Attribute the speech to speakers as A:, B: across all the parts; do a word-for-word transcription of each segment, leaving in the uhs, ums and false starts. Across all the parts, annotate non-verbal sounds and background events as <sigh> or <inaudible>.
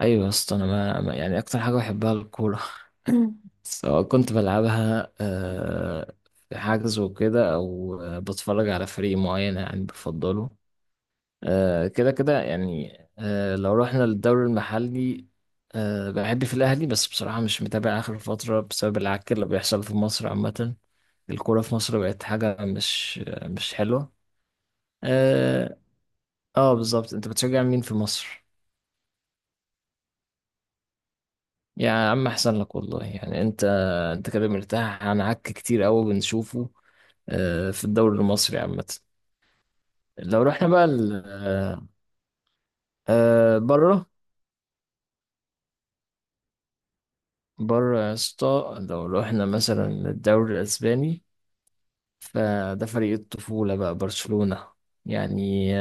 A: ايوه يا اسطى، انا ما ما- يعني اكتر حاجه بحبها الكوره <laughs> سواء كنت بلعبها آه، في حجز وكده، او آه، بتفرج على فريق معين يعني بفضله. آه، كده كده يعني، آه، لو رحنا للدوري المحلي، آه، بحب في الاهلي، بس بصراحه مش متابع اخر فتره بسبب العك اللي بيحصل في مصر عامه. الكوره في مصر بقت حاجه مش مش حلوه. اه. آه، بالظبط، انت بتشجع مين في مصر؟ يا عم احسن لك والله، يعني انت انت كده مرتاح عن عك كتير قوي بنشوفه آه، في الدوري المصري عامة. لو رحنا بقى ال- آه، آه، بره بره يا اسطى، لو رحنا مثلا الدوري الاسباني، فده فريق الطفولة بقى، برشلونة يعني.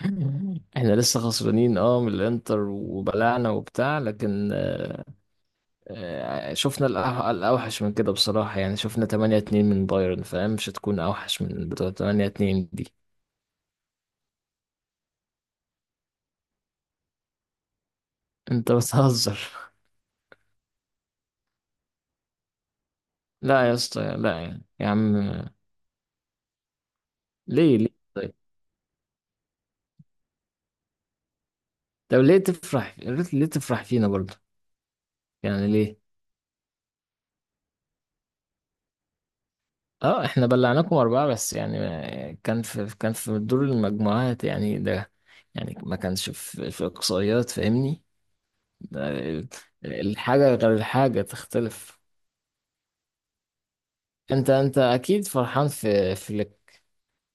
A: <laughs> احنا لسه خسرانين، اه، من الانتر وبلعنا وبتاع، لكن آه، آه، شفنا الأح- الأوحش من كده بصراحة. يعني شفنا ثمانية اتنين من بايرن، فاهم؟ مش هتكون أوحش من بتوع ثمانية اتنين دي. أنت بتهزر؟ <laughs> لا يا اسطى، لا يعني. يا عم، ليه؟ ليه؟ طيب. طب ليه تفرح؟ ليه تفرح فينا برضه؟ يعني ليه؟ اه، احنا بلعناكم أربعة بس، يعني آه، كان في كان في دور المجموعات يعني ده. يعني ما كانش في في إقصائيات، فاهمني؟ ده ال- الحاجة غير، الحاجة تختلف. انت انت اكيد فرحان في في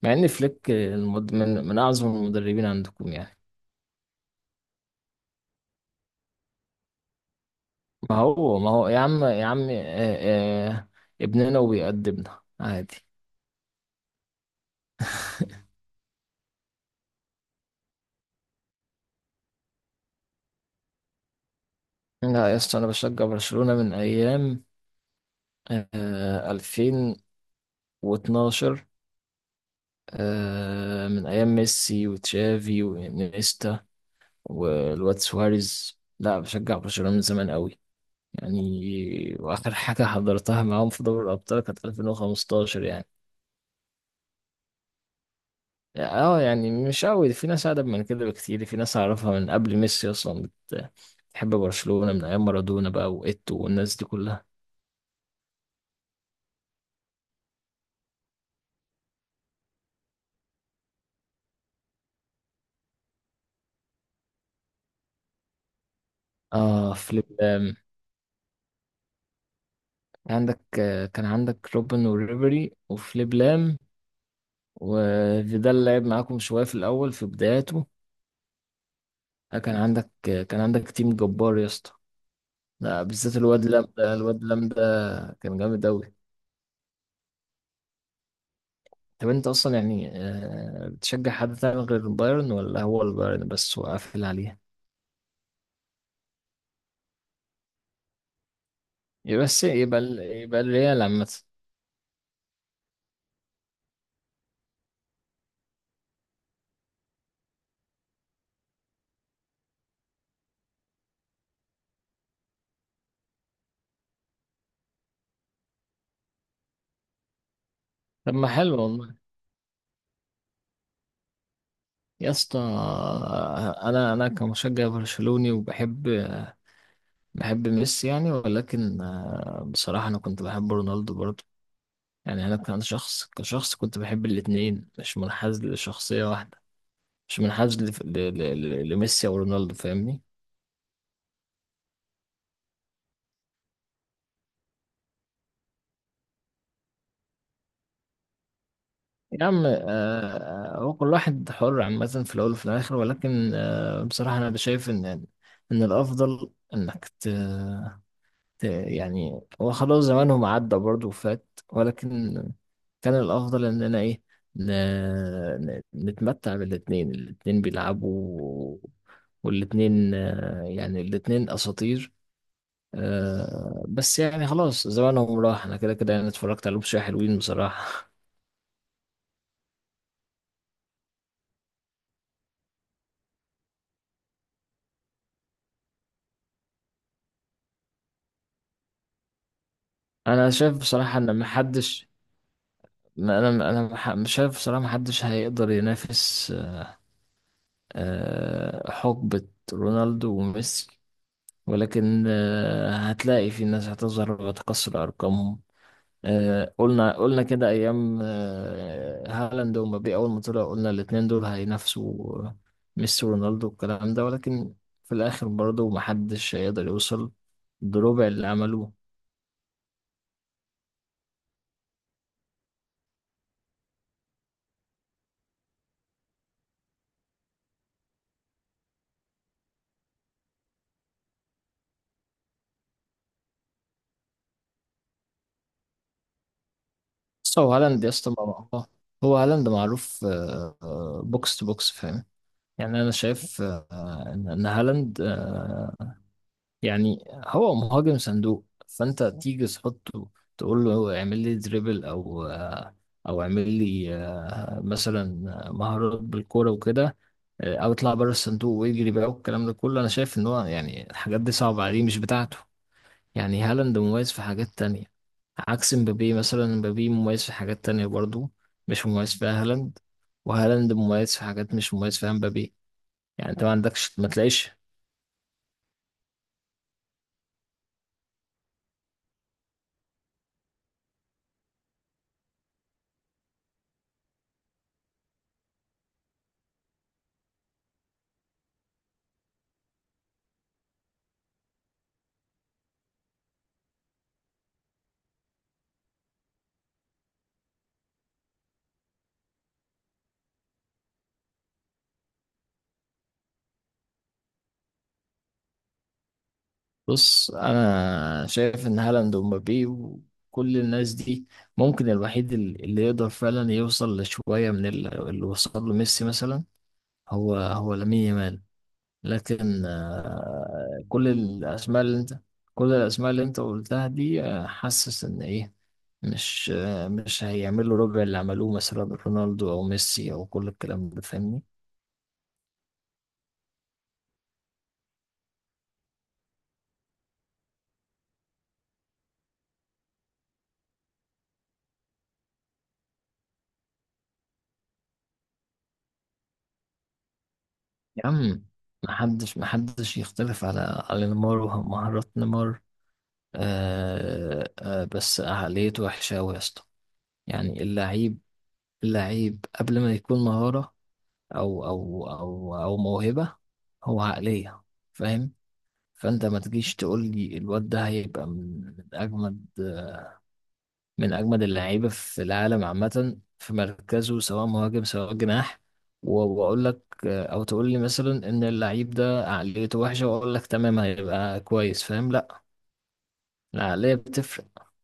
A: مع ان فليك المد... من من اعظم المدربين عندكم يعني. ما هو ما هو يا عم، يا عم آه، آه، ابننا وبيقدمنا عادي. لا يا اسطى، انا بشجع برشلونة من ايام، آه، ألفين واتناشر، آه، من ايام ميسي وتشافي وانيستا والواد سواريز. لا بشجع برشلونة من زمان قوي يعني. واخر حاجة حضرتها معاهم في دوري الابطال كانت ألفين وخمستاشر يعني. اه يعني مش قوي، في ناس أقدم من كده بكتير. في ناس أعرفها من قبل ميسي أصلا بت- بتحب برشلونة من أيام مارادونا بقى، وإيتو والناس دي كلها. اه، فليب لام. عندك آه، كان عندك روبن وريبري وفليب لام، وفيدال لعب معاكم شوية في الأول في بداياته. آه، كان عندك آه، كان عندك تيم جبار يا اسطى. لا، بالذات الواد لام ده، الواد لام ده كان جامد أوي. طب أنت أصلا يعني، آه، بتشجع حد تاني غير البايرن، ولا هو البايرن بس وقافل عليها؟ يبقى الس- يبقى ال- يبقى الريال عامة. طب ما حلو والله يا اسطى. انا انا كمشجع برشلوني، وبحب بحب ميسي يعني، ولكن آه، بصراحة انا كنت بحب رونالدو برضه. يعني انا كان شخص، كشخص كنت بحب الاتنين، مش منحاز لشخصية واحدة. مش منحاز لف- ل- ل- ل- لميسي او رونالدو، فاهمني؟ يا عم، آه، هو كل واحد حر عامة، في الاول وفي الاخر. ولكن آه، بصراحة انا شايف ان ان الافضل انك ت... يعني هو خلاص زمانهم عدى برضه وفات. ولكن كان الأفضل إننا إيه، ن... ن- نتمتع بالاتنين. الاتنين بيلعبوا والاتنين آه، يعني الاتنين أساطير. آه، بس يعني خلاص زمانهم راح. أنا كده كده يعني اتفرجت عليهم شوية، حلوين بصراحة. <laughs> أنا شايف بصراحة إن محدش، ما أنا أنا مح- مش شايف بصراحة محدش هيقدر ينافس آه، حقبة رونالدو وميسي. ولكن آه، هتلاقي في ناس هتظهر وتكسر أرقامهم. آه، قلنا قلنا كده أيام آه، هالاند ومبابي أول ما طلعوا، قلنا الاتنين دول هينافسوا آه، ميسي ورونالدو والكلام ده، ولكن في الآخر برضه محدش هيقدر يوصل بربع اللي عملوه. بس هو هالاند يا اسطى مع- آه، هو هالاند معروف آه، آه، بوكس تو بوكس، فاهم؟ يعني أنا شايف آه، آه، إن إن هالاند آه، يعني هو مهاجم صندوق. فانت تيجي تحطه، تقول له اعمل لي دريبل، او او اعمل لي آه، مثلا مهارات بالكوره وكده، آه، او اطلع بره الصندوق ويجري بقى والكلام ده كله. انا شايف ان هو يعني الحاجات دي صعبه عليه، مش بتاعته. يعني هالاند مميز في حاجات تانية، عكس مبابي مثلا. مبابي مميز في حاجات تانية برضو، مش مميز فيها هالاند. وهالاند مميز في حاجات مش مميز فيها مبابي. يعني انت ما عندكش، ما تلاقيش. بص، انا شايف ان هالاند ومبابي وكل الناس دي، ممكن الوحيد ال- اللي يقدر فعلا يوصل لشويه من ال- اللي وصل له ميسي مثلا، هو هو لامين يامال. لكن آه، كل الاسماء اللي انت كل الاسماء اللي انت قلتها دي، آه، حاسس ان ايه، مش آه، مش هيعملوا ربع اللي عملوه مثلا رونالدو او ميسي او كل الكلام ده، فاهمني؟ يا عم، محدش محدش يختلف على على نيمار ومهارات نيمار. آه آه، بس عقليته وحشة أوي يا اسطى. يعني اللعيب، اللعيب قبل ما يكون مهارة أو أو أو أو موهبة، هو عقلية، فاهم؟ فأنت ما تجيش تقول لي الواد ده هيبقى من من أجمد، من أجمد اللعيبة في العالم عامة في مركزه، سواء مهاجم سواء جناح، و- وأقول لك آه، أو تقول لي مثلا إن اللعيب ده عقليته وحشة وأقول لك تمام هيبقى كويس فاهم، لأ، العقلية بتفرق.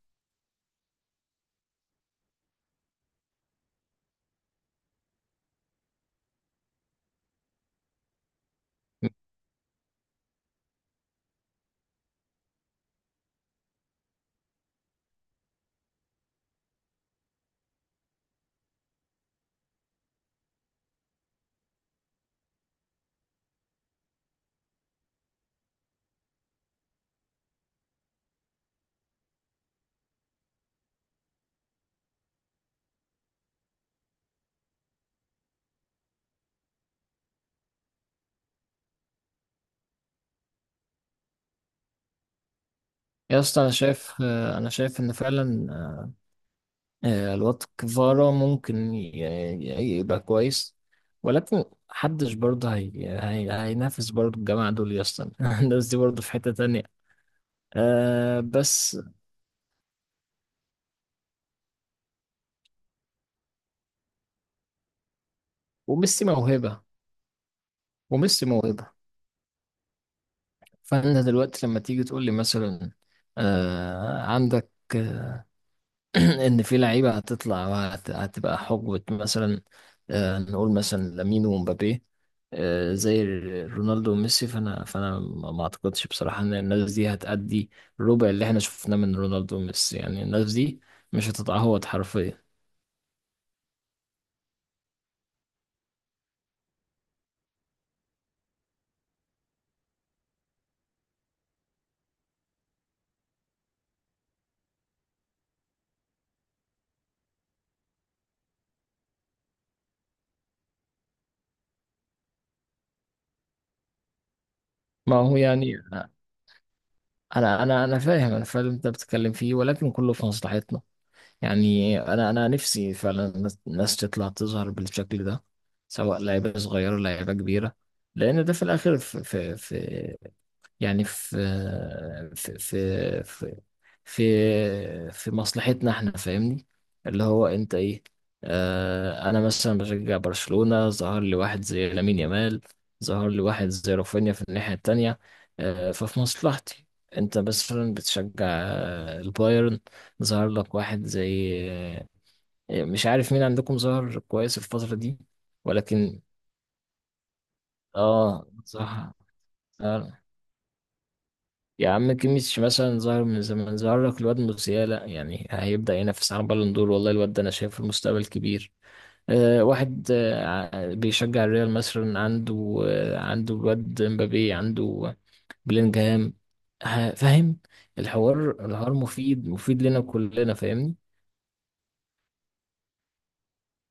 A: يا اسطى انا شايف، انا شايف ان فعلا آه، الواد كفارا ممكن ي- ي- يبقى كويس، ولكن محدش برضه هي... هي... هينافس برضه الجماعة دول يا اسطى. <laughs> الناس دي برضه في حتة تانية. أه بس. وميسي موهبة. وميسي موهبة فأنت دلوقتي لما تيجي تقول لي مثلا أه عندك <clears throat> ان في لعيبه هتطلع، وهت- هتبقى حقبه، مثلا آه، نقول مثلا لامين ومبابي آه، زي رونالدو وميسي، فانا فانا ما ما اعتقدش بصراحه ان الناس دي هتأدي الربع اللي احنا شفناه من رونالدو وميسي. يعني الناس دي مش هتتعوض حرفيا. ما هو يعني انا انا انا فاهم، انا فاهم اللي انت بتتكلم فيه، ولكن كله في مصلحتنا. يعني انا انا نفسي فعلا الناس، الناس تطلع تظهر بالشكل ده، سواء لعيبه صغيره لعيبه كبيره، لان ده في الاخر في في, في يعني في في في في في, في مصلحتنا احنا، فاهمني؟ اللي هو انت ايه، آه، انا مثلا بشجع برشلونه، ظهر لي واحد زي لامين يامال، ظهر لي واحد زي رافينيا في الناحيه التانيه. آه ففي مصلحتي. انت مثلا بتشجع آه، البايرن، ظهر لك واحد زي، مش عارف مين عندكم ظهر كويس الفترة دي. ولكن اه صح. آه. يا عم، كيميتش مثلا ظهر من زمان، ظهر لك الواد موسيالا، يعني هيبدأ ينافس على بالون دور والله. الواد ده انا شايف المستقبل كبير. آه، واحد آه بيشجع الريال مثلا، عنده آه عنده الواد مبابي، عنده بلينجهام، آه، فاهم؟ الحوار، الحوار مفيد، مفيد لنا كلنا، فاهمني؟